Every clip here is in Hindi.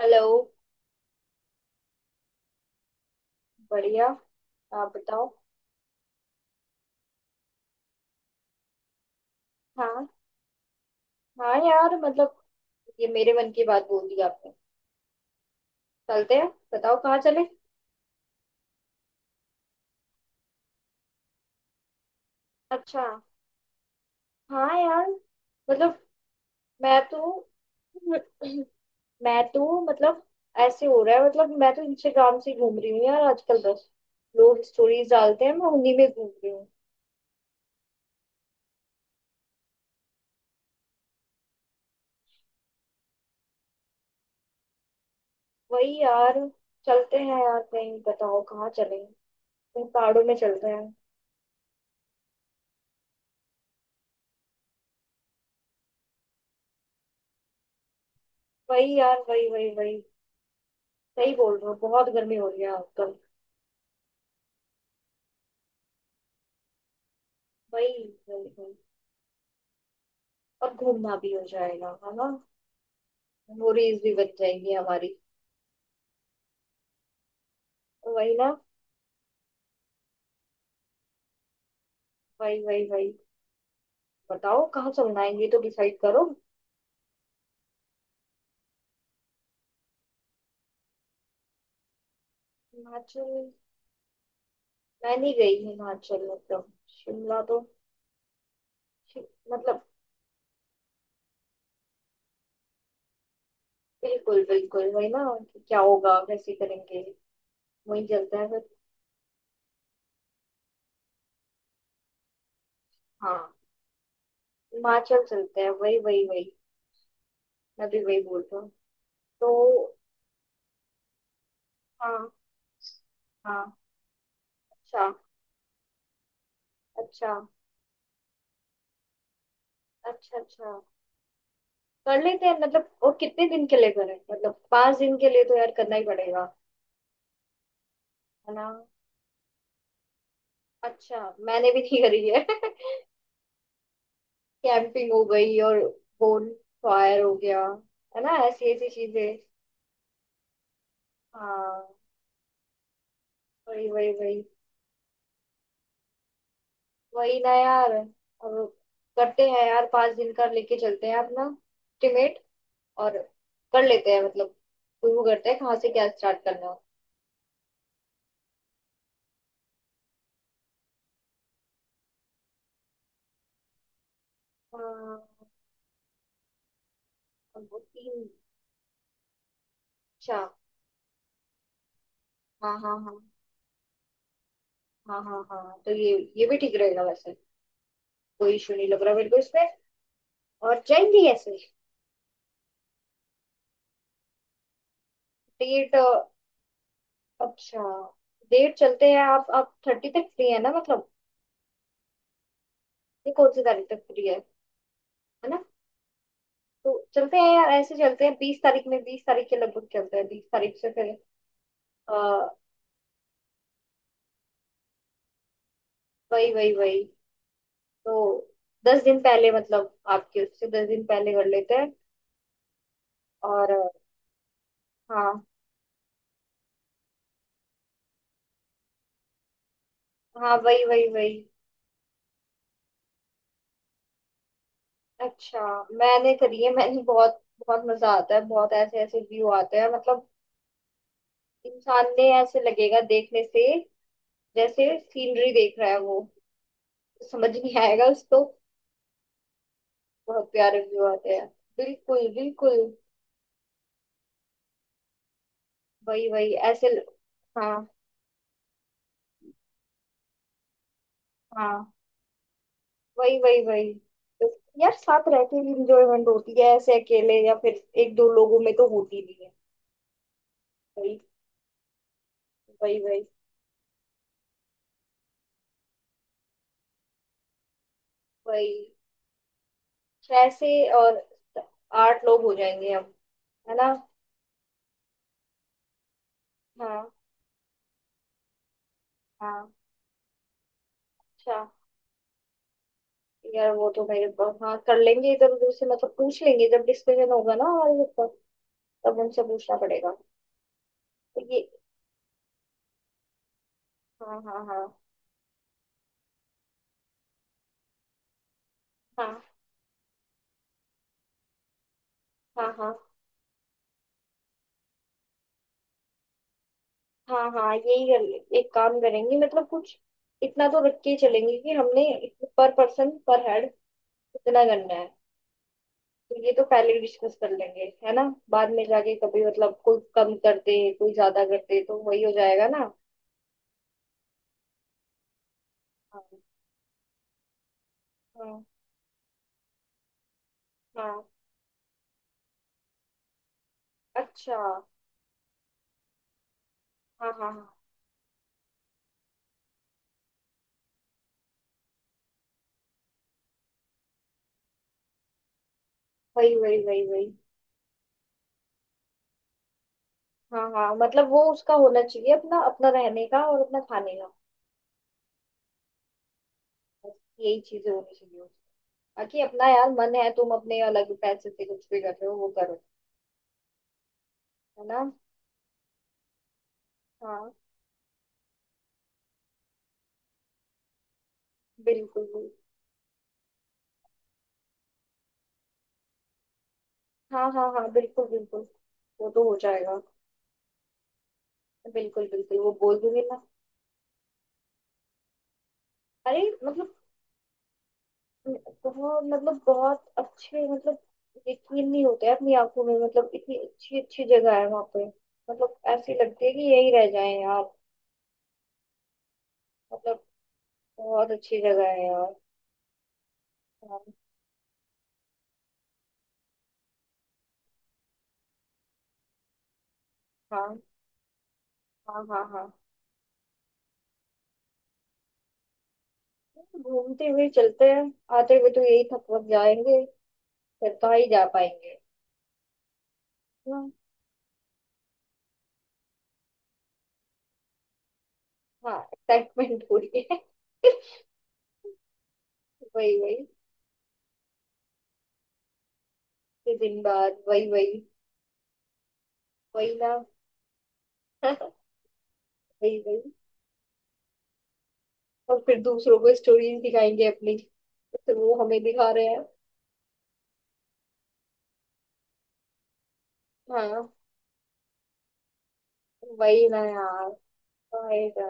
हेलो। बढ़िया। आप बताओ। हाँ। हाँ यार मतलब ये मेरे मन की बात बोल दी आपने। चलते हैं। बताओ कहाँ चले अच्छा। हाँ यार मतलब मैं तो मैं तो मतलब ऐसे हो रहा है। मतलब मैं तो इंस्टाग्राम से ही घूम रही हूँ यार आजकल। बस लोग स्टोरीज डालते हैं, मैं उन्हीं में घूम रही हूँ। वही यार। चलते हैं यार कहीं। बताओ कहाँ चलें। कहीं पहाड़ों में चलते हैं। वही यार, वही वही वही। सही बोल रहे हो, बहुत गर्मी हो रही है आजकल। वही वही वही। और घूमना भी हो जाएगा, है ना। मेमोरीज भी बच जाएंगी हमारी। तो वही ना। वही वही वही। बताओ कहाँ चलना है, ये तो डिसाइड करो। हिमाचल। मैं नहीं गई हिमाचल मतलब शिमला तो। शि- मतलब बिल्कुल बिल्कुल वही ना, कि क्या होगा, कैसे करेंगे। वही चलते हैं फिर। हाँ हिमाचल चलते हैं। वही वही वही। मैं भी वही बोल रहा हूँ तो। हाँ हाँ। अच्छा अच्छा अच्छा अच्छा, कर लेते हैं मतलब। वो कितने दिन के लिए करें? मतलब 5 दिन के लिए तो यार करना ही पड़ेगा। है ना। अच्छा। मैंने भी नहीं करी है कैंपिंग हो गई, और बोन फायर हो गया, है ना ऐसी ऐसी चीजें। हाँ वही वही वही। वही ना यार। और करते हैं यार, 5 दिन का लेके चलते हैं अपना एस्टिमेट। और कर लेते हैं मतलब। शुरू करते हैं कहाँ से, क्या स्टार्ट करना है। हाँ। अब वो तीन। अच्छा। हाँ हाँ हाँ हाँ हाँ हाँ हाँ। तो ये भी ठीक रहेगा वैसे। कोई इशू नहीं लग रहा मेरे को इसमें। और जाएंगे ऐसे। डेट अच्छा। डेट चलते हैं। आप 30 तक फ्री है ना मतलब। ये कौन सी तारीख तक फ्री है? है ना। तो चलते हैं यार, ऐसे चलते हैं 20 तारीख में, 20 तारीख के लगभग चलते हैं, 20 तारीख से फिर। अ, वही वही वही। तो 10 दिन पहले, मतलब आपके उससे 10 दिन पहले कर लेते हैं। और हाँ हाँ। वही वही वही। अच्छा मैंने करी है, मैंने बहुत। बहुत मजा आता है, बहुत ऐसे ऐसे व्यू आते हैं मतलब। इंसान ने ऐसे लगेगा देखने से, जैसे सीनरी देख रहा है वो। समझ नहीं आएगा उसको। बहुत प्यारे व्यू आते हैं। बिल्कुल बिल्कुल। वही वही ऐसे हाँ। हाँ वही वही वही। यार साथ रह के भी इंजॉयमेंट होती है, ऐसे अकेले या फिर एक दो लोगों में तो होती नहीं है। वही वही वही वही। छह से। और 8 लोग हो जाएंगे अब। है ना। हाँ हाँ। अच्छा। यार वो तो मेरे पास हाँ, कर लेंगे इधर उधर से, मतलब पूछ लेंगे जब डिस्कशन होगा ना हमारे ऊपर। तब उनसे पूछना पड़ेगा। तो ये। हाँ हाँ हाँ हाँ हाँ हाँ हाँ हाँ यही कर ले, एक काम करेंगे मतलब कुछ। इतना तो रख के ही चलेंगे कि हमने पर पर्सन, पर हेड इतना करना है। तो ये तो पहले डिस्कस कर लेंगे, है ना। बाद में जाके कभी मतलब कोई कम कर दे कोई ज्यादा कर दे, तो वही हो जाएगा ना। हाँ। हाँ हाँ, अच्छा। हाँ हाँ हाँ। वही वही वही वही। हाँ हाँ, मतलब वो उसका होना चाहिए अपना अपना रहने का और अपना खाने का। बस यही चीजें होनी चाहिए उसकी। बाकी अपना यार मन है, तुम अपने अलग पैसे से कुछ भी कर रहे हो वो करो। है ना। हाँ बिल्कुल बिल्कुल। हाँ हाँ हाँ बिल्कुल बिल्कुल, वो तो हो जाएगा। बिल्कुल बिल्कुल, वो बोल दूंगी मैं। अरे मतलब बहुत, मतलब बहुत अच्छे मतलब। यकीन नहीं होता है अपनी आंखों में, मतलब इतनी अच्छी अच्छी जगह है वहां पे। मतलब ऐसी लगती है कि यही रह जाए यार। मतलब बहुत अच्छी जगह है यार। हाँ हाँ हाँ हाँ हाँ। घूमते हुए चलते हैं, आते हुए तो यही थक जाएंगे, फिर कहाँ ही जा पाएंगे। हाँ। हाँ एक्साइटमेंट हो रही है वही वही। फिर दिन बाद वही वही। वही ना वही वही। और फिर दूसरों को स्टोरीज दिखाएंगे अपनी। तो वो हमें दिखा रहे हैं। हाँ वही ना यार। वही ना।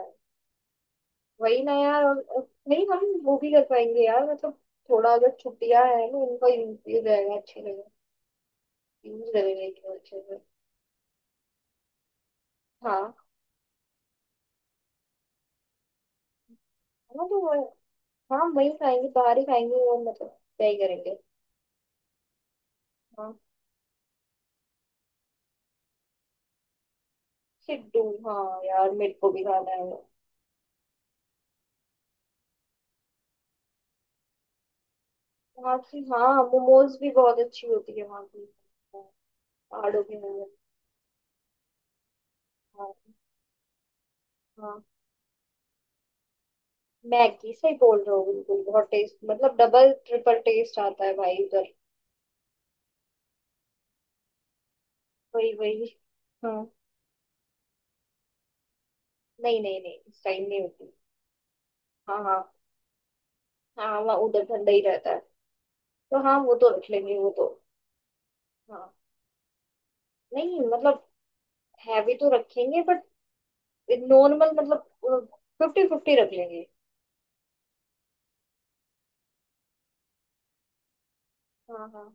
वही ना यार। और नहीं, हम वो भी कर पाएंगे यार मतलब। थोड़ा अगर छुट्टियां हैं ना, उनका यूज रहेगा अच्छी जगह। यूज करेंगे अच्छे से। हाँ हाँ हाँ वही खाएंगे, बाहर ही खाएंगे, और मतलब क्या ही करेंगे। हाँ। सिड्डू। हाँ यार, मेरे को भी खाना है। वहाँ की हाँ, मोमोज भी बहुत अच्छी होती है वहाँ की। पहाड़ों के मोमोज। हाँ। हाँ मैगी, सही बोल रहे हो बिल्कुल। बहुत टेस्ट मतलब डबल ट्रिपल टेस्ट आता है भाई उधर। वही वही। हाँ। नहीं नहीं नहीं, इस टाइम नहीं होती। हाँ हाँ। हाँ वहाँ उधर ठंडा ही रहता है। तो हाँ वो तो रख लेंगे वो तो। हाँ। नहीं मतलब हैवी तो रखेंगे बट नॉर्मल मतलब 50-50 रख लेंगे। हाँ हाँ।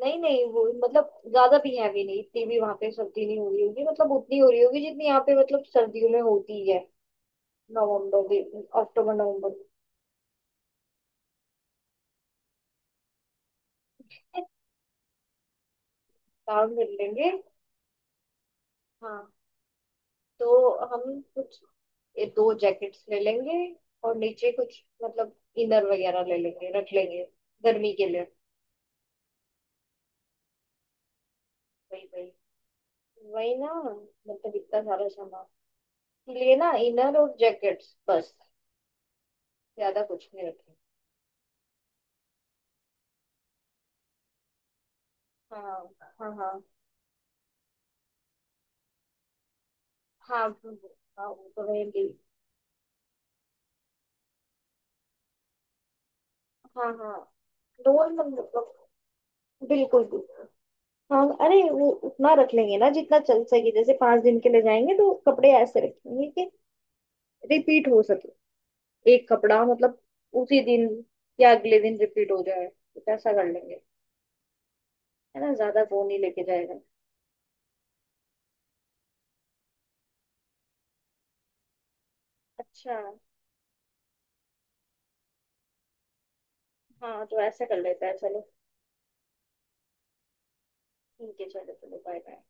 नहीं नहीं, वो मतलब ज्यादा भी हैवी नहीं, इतनी भी वहां पे सर्दी नहीं हो रही होगी, मतलब उतनी हो रही होगी जितनी यहाँ पे मतलब सर्दियों में होती है। नवंबर भी, अक्टूबर नवंबर में। काम कर लेंगे। हाँ। तो हम कुछ ये 2 जैकेट्स ले लेंगे, और नीचे कुछ मतलब इनर वगैरह ले लेंगे रख लेंगे गर्मी के लिए। वही वही। वही ना, मतलब इतना सारा सामान लिए ना, इनर और जैकेट्स बस, ज्यादा कुछ नहीं रखेंगे। हाँ हाँ हाँ हाँ हाँ वो तो रहेंगे ही। हाँ हाँ डोल मतलब। बिल्कुल बिल्कुल। हाँ अरे, वो उतना रख लेंगे ना जितना चल सके, जैसे 5 दिन के लिए जाएंगे तो कपड़े ऐसे रखेंगे कि रिपीट हो सके। एक कपड़ा मतलब उसी दिन या अगले दिन रिपीट हो जाए, कुछ ऐसा कर लेंगे। है ना, ज्यादा वो नहीं लेके जाएगा। अच्छा। हाँ तो ऐसा कर लेते हैं चलो। ठीक है, चलो चलो बाय बाय।